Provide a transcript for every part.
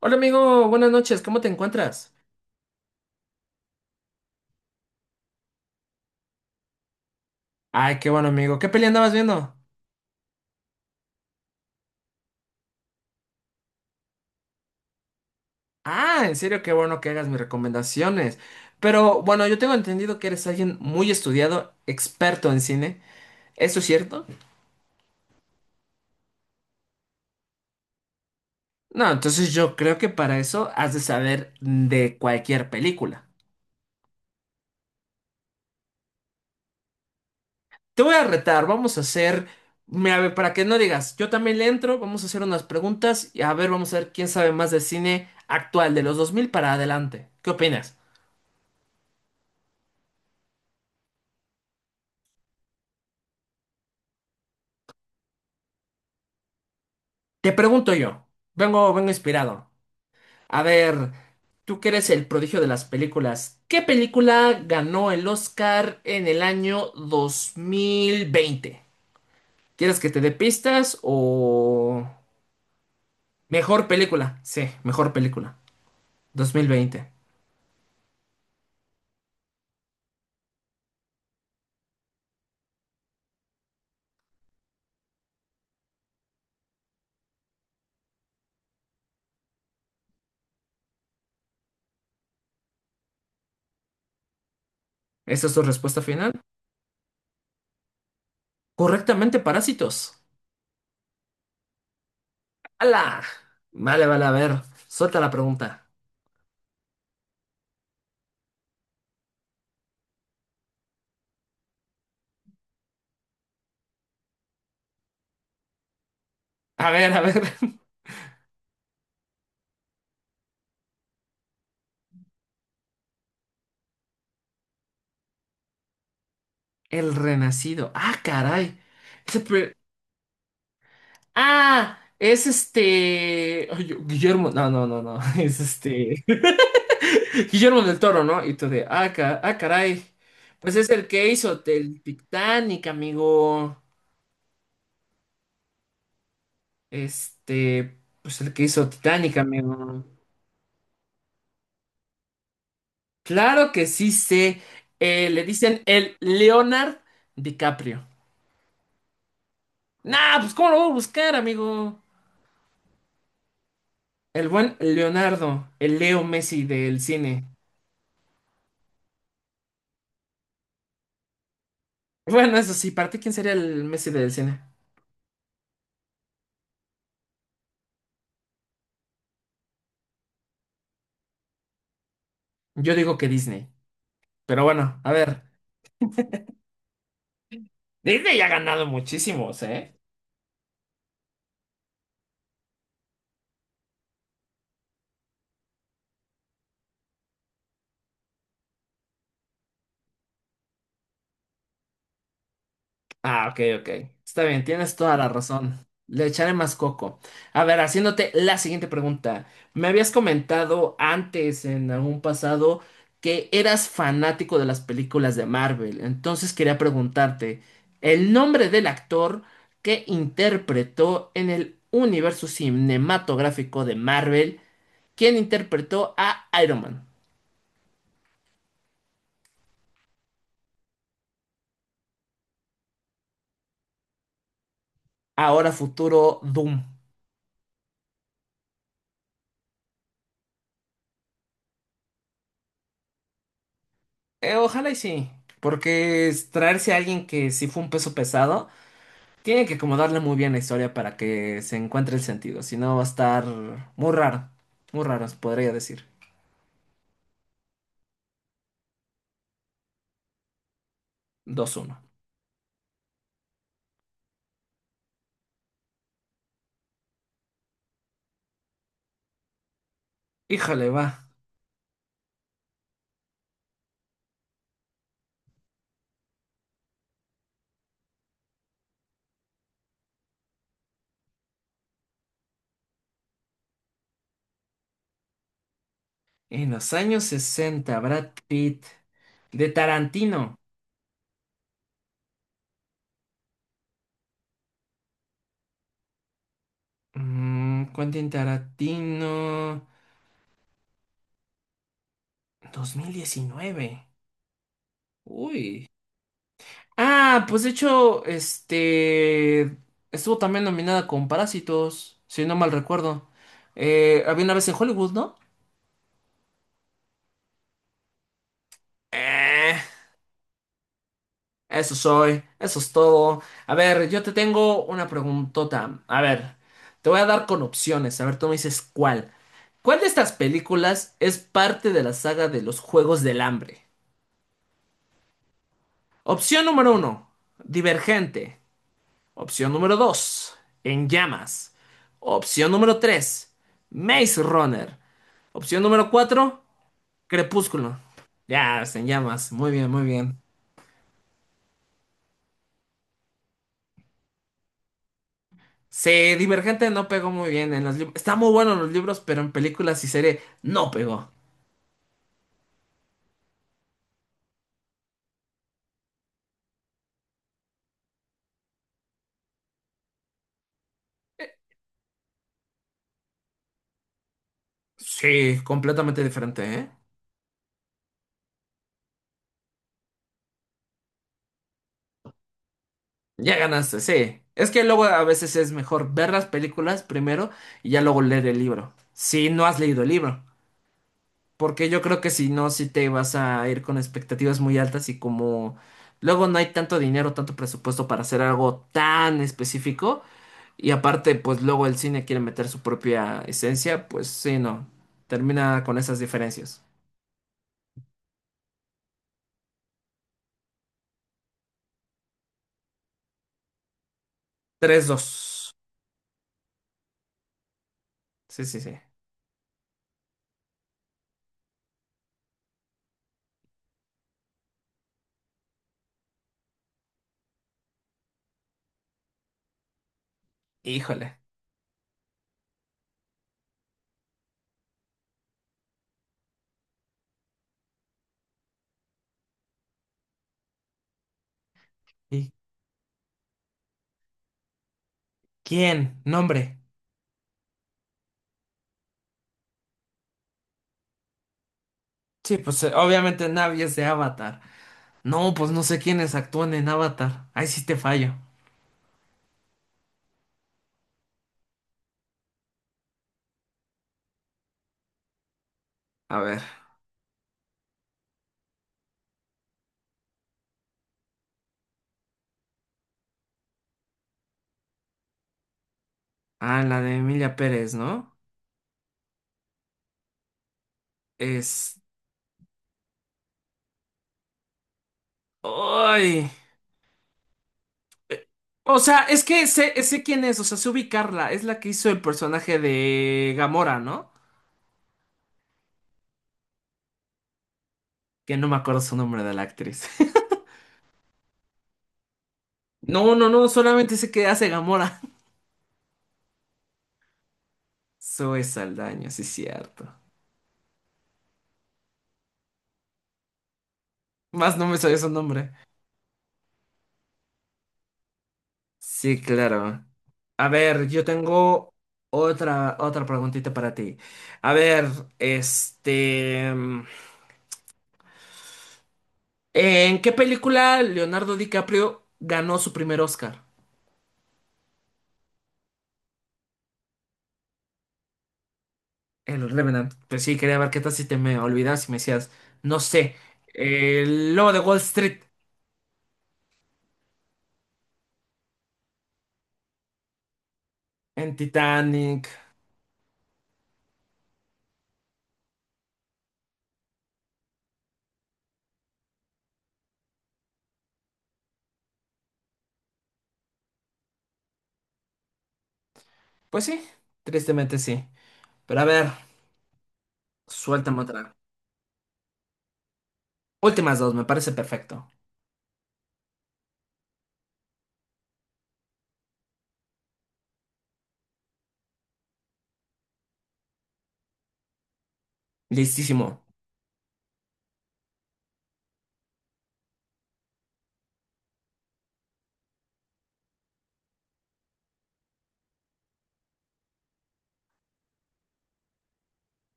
Hola amigo, buenas noches, ¿cómo te encuentras? Ay, qué bueno amigo, ¿qué peli andabas viendo? Ah, en serio, qué bueno que hagas mis recomendaciones. Pero bueno, yo tengo entendido que eres alguien muy estudiado, experto en cine. ¿Eso es cierto? No, entonces yo creo que para eso has de saber de cualquier película. Te voy a retar, vamos a hacer, mira, a ver, para que no digas, yo también le entro, vamos a hacer unas preguntas y a ver, vamos a ver quién sabe más de cine actual de los 2000 para adelante. ¿Qué opinas? Te pregunto yo, vengo inspirado. A ver, tú que eres el prodigio de las películas, ¿qué película ganó el Oscar en el año 2020? ¿Quieres que te dé pistas o mejor película? Sí, mejor película, 2020. ¿Esa es tu respuesta final? Correctamente, Parásitos. ¡Hala! Vale, vale, a ver, suelta la pregunta. A ver, a ver. El Renacido. Ah, caray. Ah, es este. Ay, Guillermo. No, no, no, no. Es este. Guillermo del Toro, ¿no? Y tú de. Ah, ah, caray. Pues es el que hizo el Titanic, amigo. Este. Pues el que hizo Titanic, amigo. Claro que sí sé. Le dicen el Leonard DiCaprio. Nah, pues ¿cómo lo voy a buscar, amigo? El buen Leonardo, el Leo Messi del cine. Bueno, eso sí, ¿para ti quién sería el Messi del cine? Yo digo que Disney. Pero bueno, a ver. Disney ya ha ganado muchísimos, ¿eh? Ah, ok, ok. Está bien, tienes toda la razón. Le echaré más coco. A ver, haciéndote la siguiente pregunta. Me habías comentado antes, en algún pasado, que eras fanático de las películas de Marvel. Entonces quería preguntarte, el nombre del actor que interpretó en el universo cinematográfico de Marvel, quien interpretó a Iron Man? Ahora futuro Doom. Ojalá y sí, porque es traerse a alguien que sí fue un peso pesado, tiene que acomodarle muy bien la historia para que se encuentre el sentido, si no va a estar muy raro, muy raro, se podría decir. Dos uno. Híjole, va. En los años sesenta Brad Pitt, de Tarantino. Quentin Tarantino, 2019. Uy. Ah, pues de hecho, estuvo también nominada con Parásitos, si no mal recuerdo. Había una vez en Hollywood, ¿no? Eh, eso es todo. A ver, yo te tengo una preguntota. A ver, te voy a dar con opciones. A ver, tú me dices cuál. ¿Cuál de estas películas es parte de la saga de los Juegos del Hambre? Opción número uno, Divergente. Opción número 2, En llamas. Opción número 3, Maze Runner. Opción número 4, Crepúsculo. Ya, es En llamas. Muy bien, muy bien. Sí, Divergente no pegó muy bien en los libros. Está muy bueno en los libros, pero en películas y serie no pegó. Sí, completamente diferente, ¿eh? Ya ganaste, sí. Es que luego a veces es mejor ver las películas primero y ya luego leer el libro. Si no has leído el libro. Porque yo creo que si no, si te vas a ir con expectativas muy altas y como luego no hay tanto dinero, tanto presupuesto para hacer algo tan específico y aparte pues luego el cine quiere meter su propia esencia, pues sí, no, termina con esas diferencias. Tres dos. Sí, sí, sí. Híjole. ¿Y quién? Nombre. Sí, obviamente Navi es de Avatar. No, pues no sé quiénes actúan en Avatar. Ahí sí te fallo. A ver. Ah, la de Emilia Pérez, ¿no? Es... Ay. Eh, O sea, es que sé quién es, o sea, sé ubicarla. Es la que hizo el personaje de Gamora, ¿no? Que no me acuerdo su nombre de la actriz. No, no, no, solamente sé que hace Gamora. Zoe Saldaña, sí, cierto. Más no me sabía su nombre. Sí, claro. A ver, yo tengo otra preguntita para ti. A ver, este... mm, ¿en qué película Leonardo DiCaprio ganó su primer Oscar? El Revenant. Pues sí, quería ver qué tal si te me olvidas y me decías, no sé, el lobo de Wall Street en Titanic. Pues sí, tristemente sí. Pero a ver, suéltame otra. Últimas dos, me parece perfecto. Listísimo.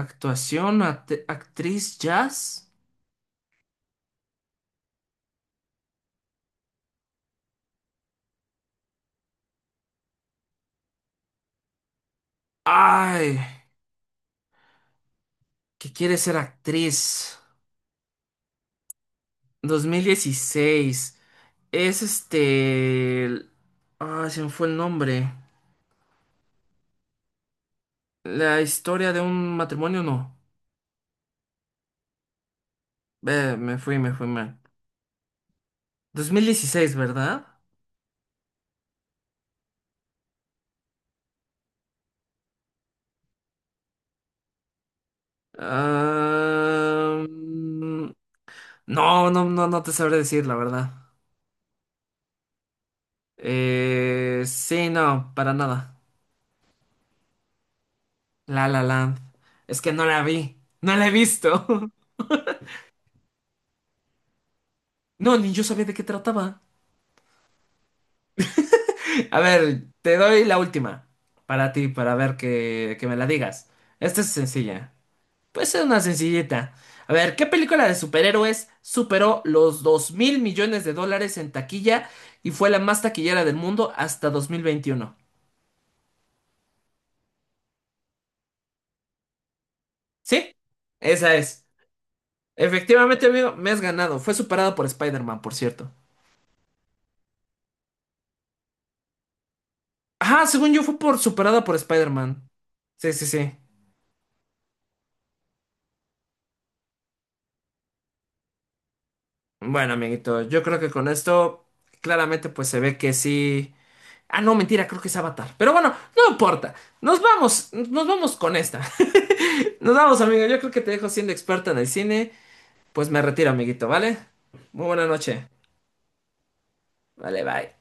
Actuación, actriz, jazz. Ay, qué quiere ser actriz. 2016. Es ay, se me fue el nombre. La historia de un matrimonio, no. Me fui, me fui mal. 2016, ¿verdad? Ah, mm, no, no, no, no te sabré decir la verdad. Sí, no, para nada. La La Land. Es que no la vi. No la he visto. No, ni yo sabía de qué trataba. A ver, te doy la última. Para ti, para ver que, me la digas. Esta es sencilla. Pues es una sencillita. A ver, ¿qué película de superhéroes superó los $2.000.000.000 en taquilla y fue la más taquillera del mundo hasta 2021? ¿Sí? Esa es. Efectivamente, amigo, me has ganado. Fue superada por Spider-Man, por cierto. Ajá, según yo fue por superada por Spider-Man. Sí, sí, sí. Bueno, amiguito, yo creo que con esto claramente pues se ve que sí. Ah, no, mentira, creo que es Avatar. Pero bueno, no importa. Nos vamos con esta. Nos vamos, amigo. Yo creo que te dejo siendo experta en el cine. Pues me retiro, amiguito, ¿vale? Muy buena noche. Vale, bye.